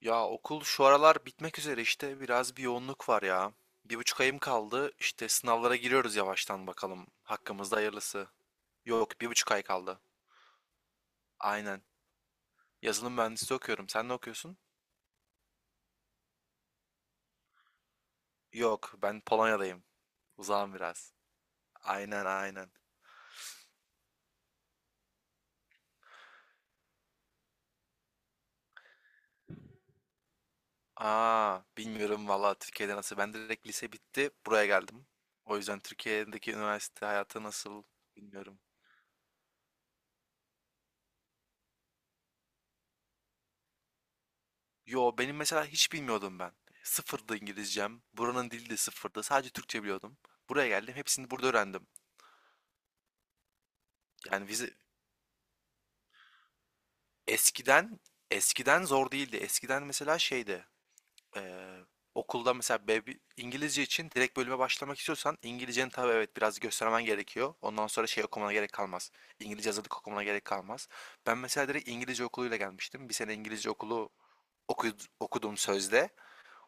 Ya okul şu aralar bitmek üzere işte biraz yoğunluk var ya. Bir buçuk ayım kaldı işte sınavlara giriyoruz yavaştan bakalım hakkımızda hayırlısı. Yok bir buçuk ay kaldı. Aynen. Yazılım mühendisliği okuyorum. Sen ne okuyorsun? Yok ben Polonya'dayım. Uzağım biraz. Aynen. Aa bilmiyorum valla Türkiye'de nasıl. Ben direkt lise bitti buraya geldim. O yüzden Türkiye'deki üniversite hayatı nasıl bilmiyorum. Yo benim mesela hiç bilmiyordum ben. Sıfırdı İngilizcem. Buranın dili de sıfırdı. Sadece Türkçe biliyordum. Buraya geldim. Hepsini burada öğrendim. Yani vize eskiden eskiden zor değildi. Eskiden mesela şeydi. eee, Okulda mesela B1 İngilizce için direkt bölüme başlamak istiyorsan İngilizceni tabii evet biraz göstermen gerekiyor. Ondan sonra şey okumana gerek kalmaz. İngilizce hazırlık okumana gerek kalmaz. Ben mesela direkt İngilizce okuluyla gelmiştim. Bir sene İngilizce okulu okudum sözde.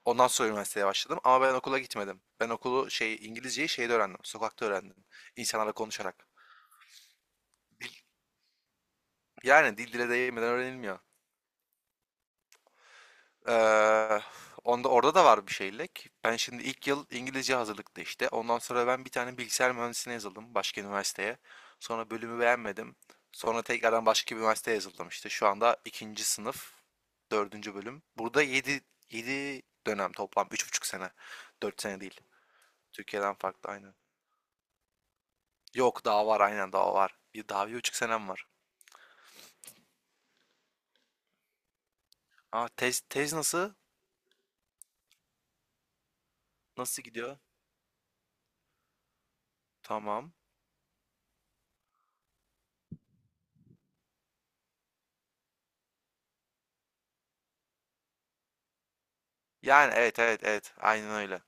Ondan sonra üniversiteye başladım ama ben okula gitmedim. Ben okulu şey İngilizceyi şeyde öğrendim. Sokakta öğrendim. İnsanlarla konuşarak. Dil- Yani dil dile değmeden öğrenilmiyor. Ee, Onda orada da var bir şeylik. Ben şimdi ilk yıl İngilizce hazırlıkta işte. Ondan sonra ben bir tane bilgisayar mühendisliğine yazıldım başka üniversiteye. Sonra bölümü beğenmedim. Sonra tekrardan başka bir üniversiteye yazıldım işte. Şu anda ikinci sınıf, dördüncü bölüm. Burada yedi dönem toplam. Üç buçuk sene. Dört sene değil. Türkiye'den farklı aynı. Yok daha var aynen daha var. Bir daha bir buçuk senem var. Aa tez nasıl? Nasıl gidiyor? Tamam. Yani evet aynen öyle.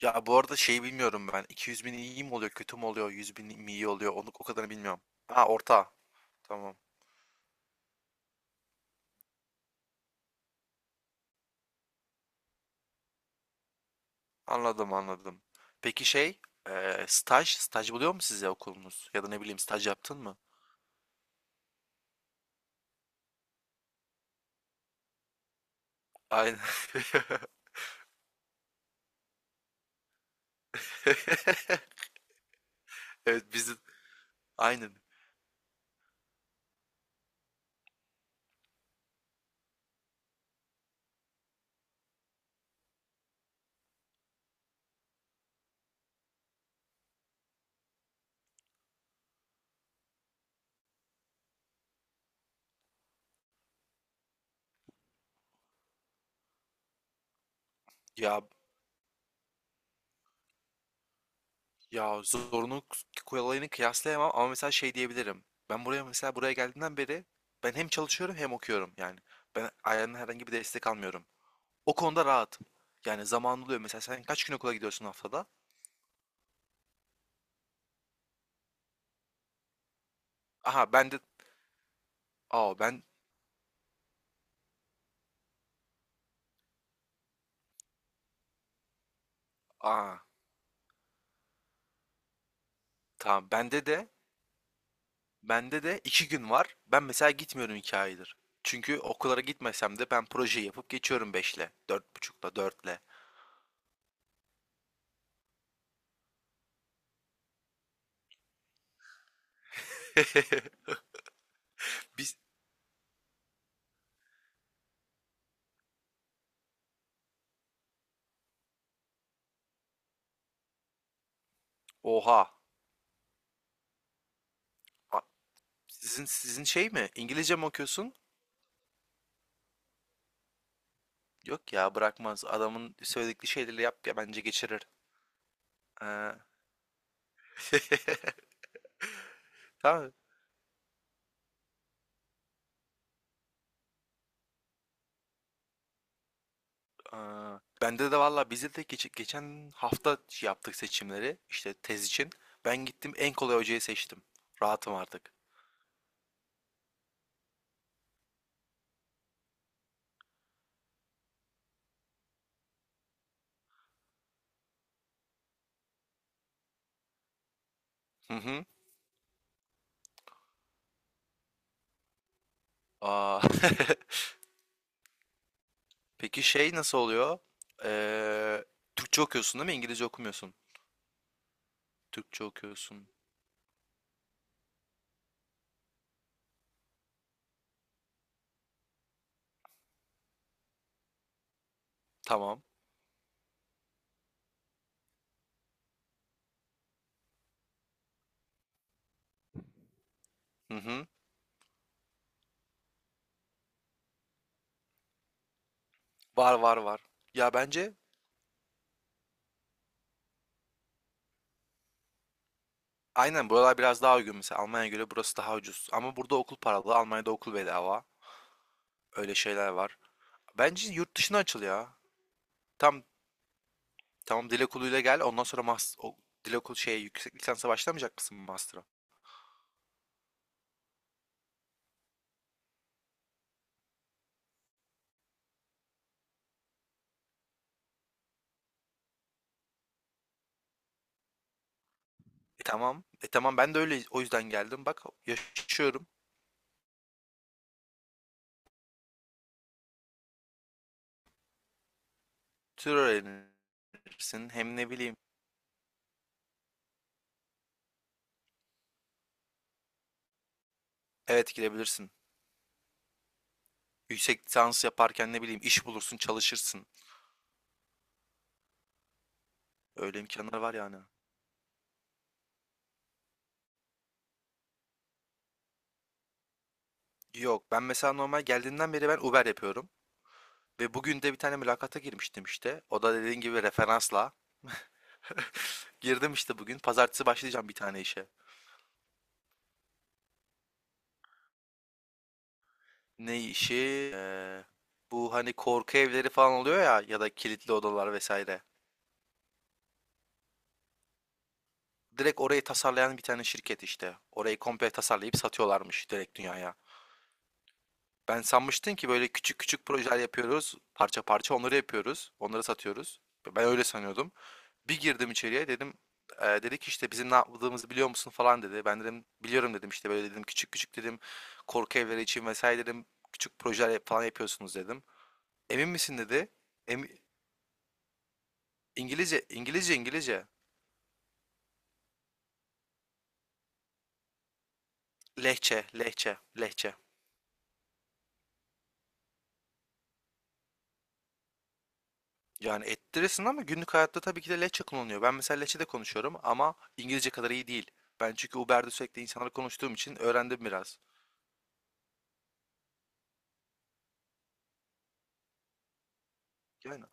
Ya bu arada şey bilmiyorum ben. 200 bin iyi mi oluyor kötü mü oluyor? 100 bin mi iyi oluyor? Onu o kadarını bilmiyorum. Ha orta. Tamam. Anladım. Peki şey staj buluyor mu size okulunuz? Ya da ne bileyim staj yaptın mı? Aynen. Evet bizim aynen. Ya Ya zorunluluk kolayını kıyaslayamam ama mesela şey diyebilirim. Ben mesela buraya geldiğimden beri ben hem çalışıyorum hem okuyorum yani. Ben ailemden herhangi bir destek almıyorum. O konuda rahatım. Yani zaman oluyor mesela sen kaç gün okula gidiyorsun haftada? Aha ben de aa ben aa tamam bende de bende de iki gün var. Ben mesela gitmiyorum iki aydır. Çünkü okullara gitmesem de ben projeyi yapıp geçiyorum beşle, dört buçukla, dörtle. Biz oha. A- sizin şey mi? İngilizce mi okuyorsun? Yok ya bırakmaz. Adamın söyledikleri şeyleri yap ya bence geçirir. Ee, tamam. Ee, Bende de valla bizde de geçen hafta şey yaptık seçimleri işte tez için. Ben gittim en kolay hocayı seçtim. Rahatım artık. Hı hı. Aa. Peki şey nasıl oluyor? Ee, Türkçe okuyorsun değil mi? İngilizce okumuyorsun. Türkçe okuyorsun. Tamam. Hı hı. Var. Ya bence aynen buralar biraz daha uygun mesela Almanya'ya göre burası daha ucuz. Ama burada okul paralı, Almanya'da okul bedava. Öyle şeyler var. Bence yurt dışına açıl ya. Tam tamam dil okuluyla gel ondan sonra mas o, dil okulu şeye yüksek lisansa başlamayacak mısın master'a? E tamam. E tamam ben de öyle o yüzden geldim. Bak yaşıyorum. Tür öğrenirsin hem ne bileyim. Evet girebilirsin. Yüksek lisans yaparken ne bileyim iş bulursun çalışırsın. Öyle imkanlar var yani. Yok ben mesela normal geldiğinden beri ben Uber yapıyorum. Ve bugün de bir tane mülakata girmiştim işte. O da dediğin gibi referansla. Girdim işte bugün. Pazartesi başlayacağım bir tane işe. Ne işi? Bu hani korku evleri falan oluyor ya ya da kilitli odalar vesaire. Direkt orayı tasarlayan bir tane şirket işte. Orayı komple tasarlayıp satıyorlarmış direkt dünyaya. Ben sanmıştım ki böyle küçük küçük projeler yapıyoruz. Parça parça onları yapıyoruz. Onları satıyoruz. Ben öyle sanıyordum. Bir girdim içeriye dedim dedi ki işte bizim ne yaptığımızı biliyor musun falan dedi. Ben dedim biliyorum dedim işte böyle dedim küçük küçük dedim korku evleri için vesaire dedim küçük projeler falan yapıyorsunuz dedim. Emin misin dedi. Em- İngilizce. Lehçe. Yani ettirirsin ama günlük hayatta tabii ki de lehçe kullanılıyor. Ben mesela lehçede konuşuyorum ama İngilizce kadar iyi değil. Ben çünkü Uber'de sürekli insanlarla konuştuğum için öğrendim biraz. Yani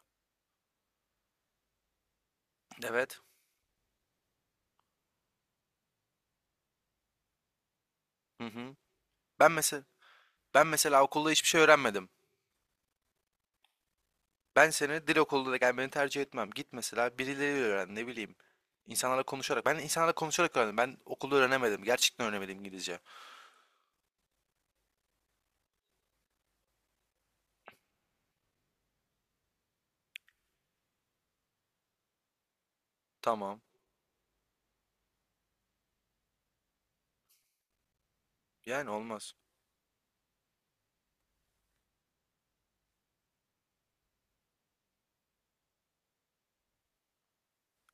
evet. Hı hı. Ben mesela ben mesela okulda hiçbir şey öğrenmedim. Ben senin dil okuluna gelmeni tercih etmem. Git mesela birileriyle öğren ne bileyim. İnsanlarla konuşarak. Ben insanlarla konuşarak öğrendim. Ben okulda öğrenemedim. Gerçekten öğrenemedim İngilizce. Tamam. Yani olmaz.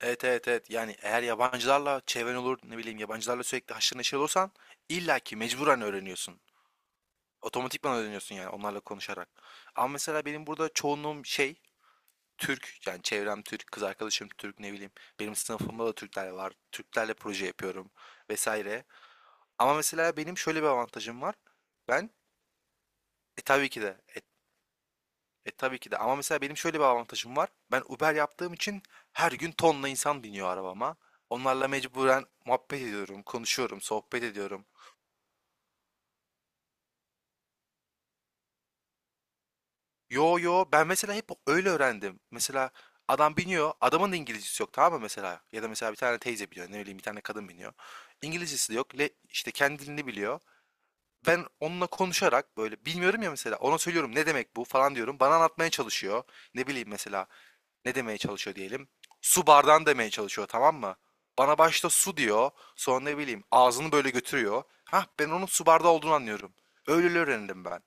Evet. Yani eğer yabancılarla çevren olur ne bileyim yabancılarla sürekli haşır neşir olursan illaki mecburen öğreniyorsun. Otomatikman öğreniyorsun yani onlarla konuşarak. Ama mesela benim burada çoğunluğum şey Türk yani çevrem Türk, kız arkadaşım Türk ne bileyim. Benim sınıfımda da Türkler var. Türklerle proje yapıyorum vesaire. Ama mesela benim şöyle bir avantajım var. Ben e tabii ki de e, e, tabii ki de ama mesela benim şöyle bir avantajım var. Ben Uber yaptığım için her gün tonla insan biniyor arabama. Onlarla mecburen muhabbet ediyorum, konuşuyorum, sohbet ediyorum. Yo ben mesela hep öyle öğrendim. Mesela adam biniyor, adamın da İngilizcesi yok tamam mı mesela? Ya da mesela bir tane teyze biniyor, ne bileyim bir tane kadın biniyor. İngilizcesi de yok, le, işte kendi dilini biliyor. Ben onunla konuşarak, böyle, bilmiyorum ya mesela, ona söylüyorum, "Ne demek bu?" falan diyorum. Bana anlatmaya çalışıyor. Ne bileyim mesela, ne demeye çalışıyor diyelim. Su bardağını demeye çalışıyor, tamam mı? Bana başta su diyor, sonra ne bileyim ağzını böyle götürüyor. Hah, ben onun su bardağı olduğunu anlıyorum. Öyle öğrendim ben.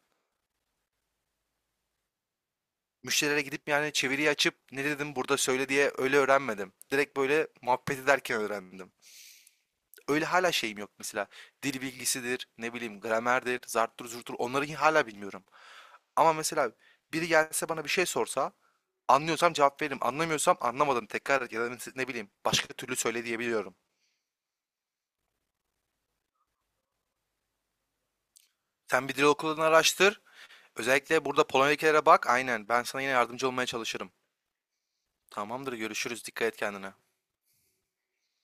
Müşterilere gidip yani çeviriyi açıp ne dedim burada söyle diye öyle öğrenmedim. Direkt böyle muhabbet ederken öğrendim. Öyle hala şeyim yok mesela. Dil bilgisidir, ne bileyim gramerdir, zarttır zurttur onları hala bilmiyorum. Ama mesela biri gelse bana bir şey sorsa anlıyorsam cevap veririm. Anlamıyorsam anlamadım tekrar et ya da ne bileyim başka türlü söyle diyebiliyorum. Sen bir dil okulunu araştır. Özellikle burada Polonya'dakilere bak. Aynen ben sana yine yardımcı olmaya çalışırım. Tamamdır görüşürüz. Dikkat et kendine.